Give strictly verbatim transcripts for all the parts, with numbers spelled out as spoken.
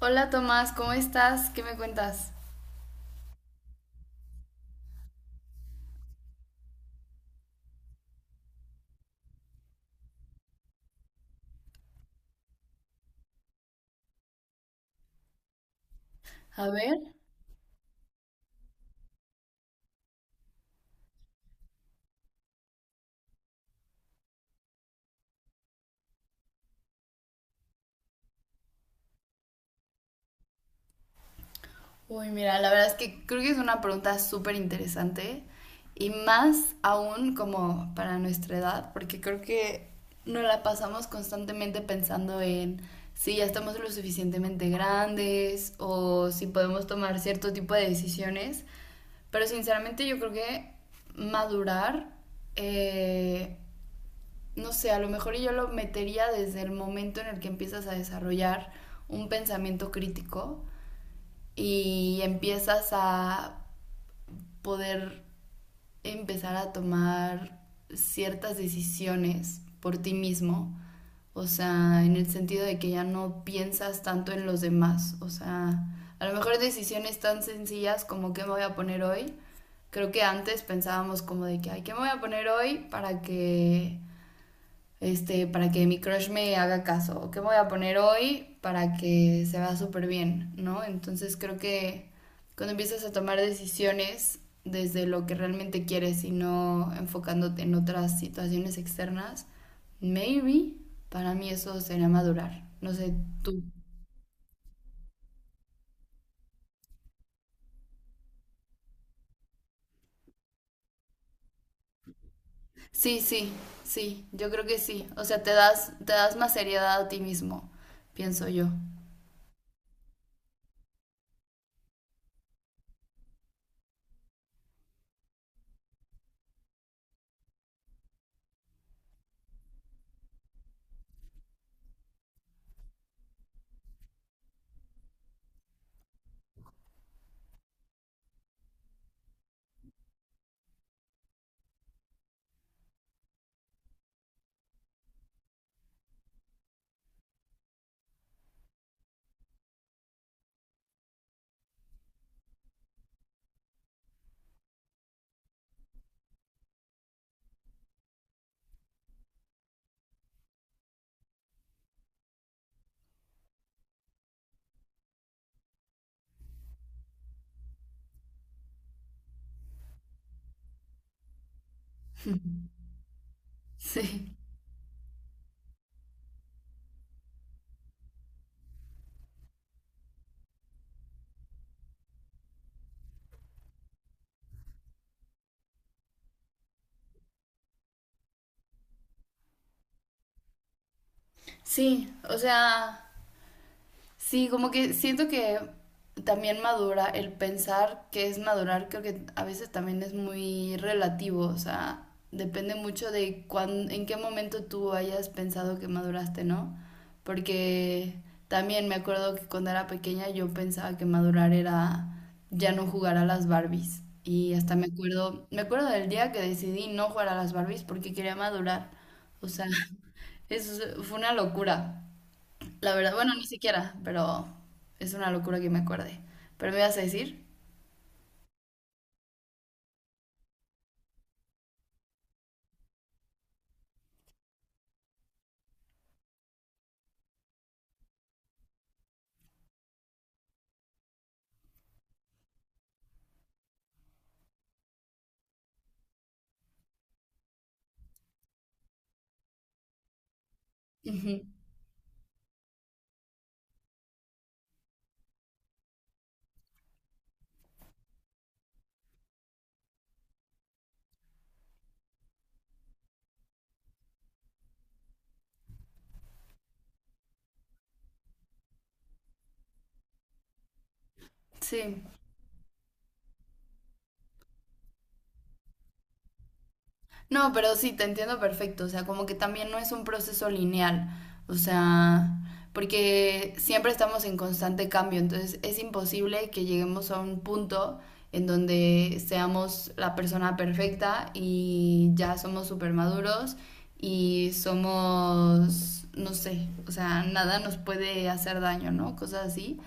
Hola Tomás, ¿cómo estás? ¿Qué me cuentas? A ver. Uy, mira, la verdad es que creo que es una pregunta súper interesante y más aún como para nuestra edad, porque creo que nos la pasamos constantemente pensando en si ya estamos lo suficientemente grandes o si podemos tomar cierto tipo de decisiones, pero sinceramente yo creo que madurar, eh, no sé, a lo mejor yo lo metería desde el momento en el que empiezas a desarrollar un pensamiento crítico y empiezas a poder empezar a tomar ciertas decisiones por ti mismo, o sea, en el sentido de que ya no piensas tanto en los demás, o sea, a lo mejor decisiones tan sencillas como qué me voy a poner hoy. Creo que antes pensábamos como de que, ay, ¿qué me voy a poner hoy para que este, para que mi crush me haga caso, qué voy a poner hoy para que se vea súper bien, ¿no? Entonces creo que cuando empiezas a tomar decisiones desde lo que realmente quieres y no enfocándote en otras situaciones externas, maybe para mí eso sería madurar. No sé, tú. Sí, sí, sí, yo creo que sí. O sea, te das, te das más seriedad a ti mismo, pienso yo. Sí. Sí, o sea, sí, como que siento que también madura, el pensar que es madurar, creo que a veces también es muy relativo, o sea, depende mucho de cuán, en qué momento tú hayas pensado que maduraste, ¿no? Porque también me acuerdo que cuando era pequeña yo pensaba que madurar era ya no jugar a las Barbies. Y hasta me acuerdo, me acuerdo del día que decidí no jugar a las Barbies porque quería madurar. O sea, eso fue una locura. La verdad, bueno, ni siquiera, pero es una locura que me acuerde. ¿Pero me ibas a decir? Ujú. Sí. No, pero sí, te entiendo perfecto. O sea, como que también no es un proceso lineal. O sea, porque siempre estamos en constante cambio. Entonces es imposible que lleguemos a un punto en donde seamos la persona perfecta y ya somos súper maduros y somos, no sé, o sea, nada nos puede hacer daño, ¿no? Cosas así.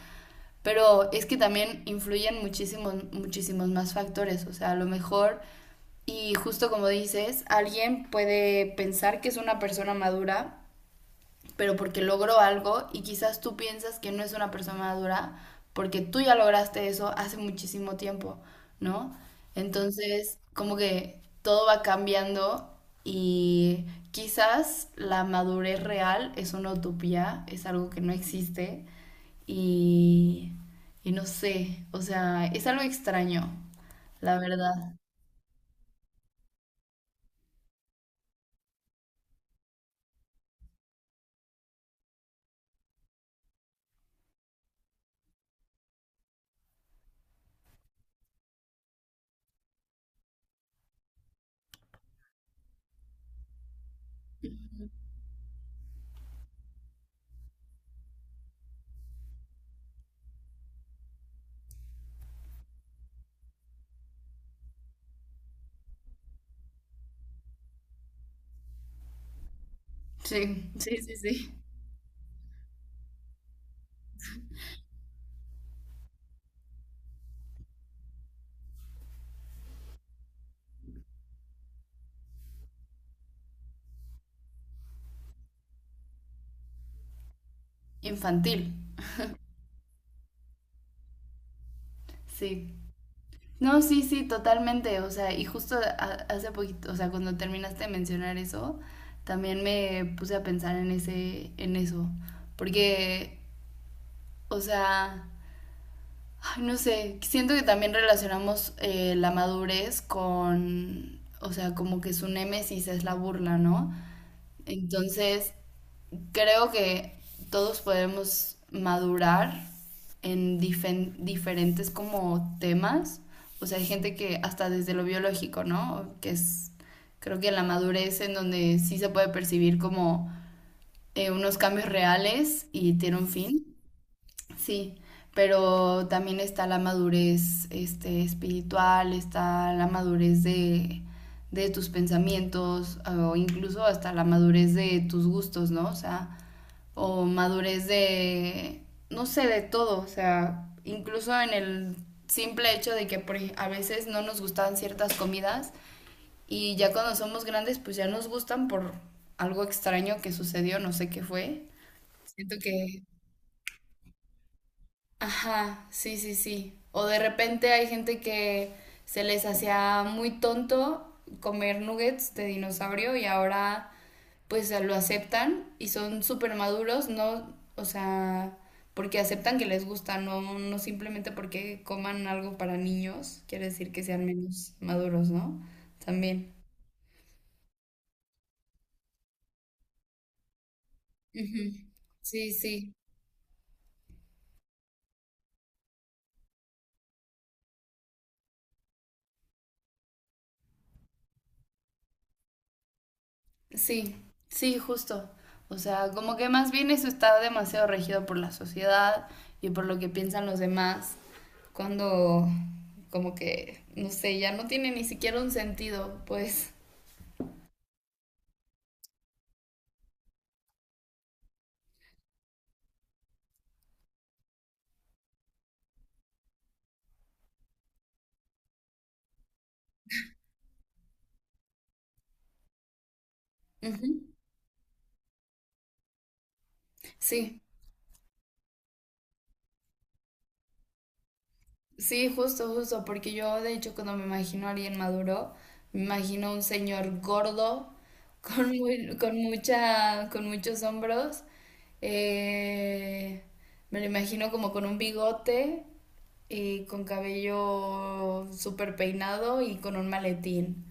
Pero es que también influyen muchísimos, muchísimos más factores. O sea, a lo mejor, y justo como dices, alguien puede pensar que es una persona madura pero porque logró algo y quizás tú piensas que no es una persona madura porque tú ya lograste eso hace muchísimo tiempo, ¿no? Entonces, como que todo va cambiando y quizás la madurez real es una utopía, es algo que no existe y, y no sé, o sea, es algo extraño, la verdad. Sí, sí, sí, sí. Infantil, sí. No, sí, sí, totalmente. O sea, y justo a- hace poquito, o sea, cuando terminaste de mencionar eso, también me puse a pensar en ese, en eso. Porque, o sea, ay, no sé, siento que también relacionamos eh, la madurez con, o sea, como que su némesis es la burla, ¿no? Entonces, creo que todos podemos madurar en difen- diferentes como temas. O sea, hay gente que hasta desde lo biológico, ¿no? Que es, creo que la madurez en donde sí se puede percibir como eh, unos cambios reales y tiene un fin. Sí, pero también está la madurez este, espiritual, está la madurez de, de tus pensamientos, o incluso hasta la madurez de tus gustos, ¿no? O sea, o madurez de, no sé, de todo, o sea, incluso en el simple hecho de que por ej- a veces no nos gustaban ciertas comidas y ya cuando somos grandes pues ya nos gustan por algo extraño que sucedió, no sé qué fue. Siento que, ajá, sí, sí, sí. O de repente hay gente que se les hacía muy tonto comer nuggets de dinosaurio y ahora pues lo aceptan y son súper maduros, no, o sea, porque aceptan que les gusta, no, no simplemente porque coman algo para niños, quiere decir que sean menos maduros, ¿no? También. Ujú. Sí, sí. Sí, sí, justo. O sea, como que más bien eso está demasiado regido por la sociedad y por lo que piensan los demás, cuando como que, no sé, ya no tiene ni siquiera un sentido, pues. Ujú. Sí, sí, justo, justo, porque yo de hecho cuando me imagino a alguien maduro, me imagino a un señor gordo, con, muy- con, mucha, con muchos hombros, eh, me lo imagino como con un bigote y con cabello súper peinado y con un maletín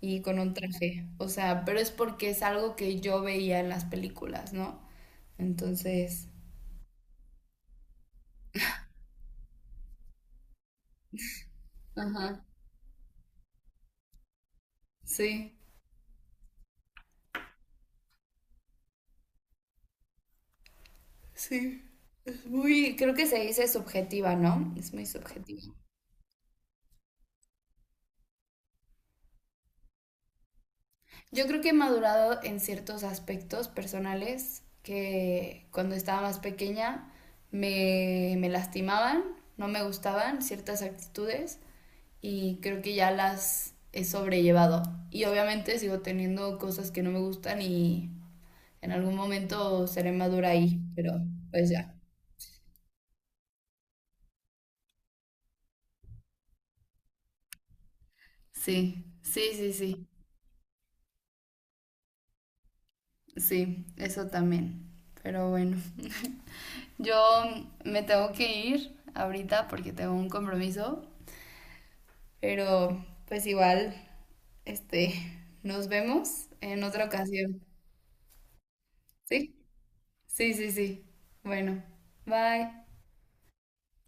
y con un traje. O sea, pero es porque es algo que yo veía en las películas, ¿no? Entonces, ajá, sí, sí. Es muy, creo que se dice subjetiva, ¿no? Es muy subjetiva. Yo creo que he madurado en ciertos aspectos personales que cuando estaba más pequeña me, me lastimaban, no me gustaban ciertas actitudes y creo que ya las he sobrellevado. Y obviamente sigo teniendo cosas que no me gustan y en algún momento seré madura ahí, pero pues ya. Sí, sí, sí, sí, sí, eso también. Pero bueno, yo me tengo que ir ahorita porque tengo un compromiso, pero pues igual, este, nos vemos en otra ocasión. Sí, sí, sí, sí. Bueno, bye.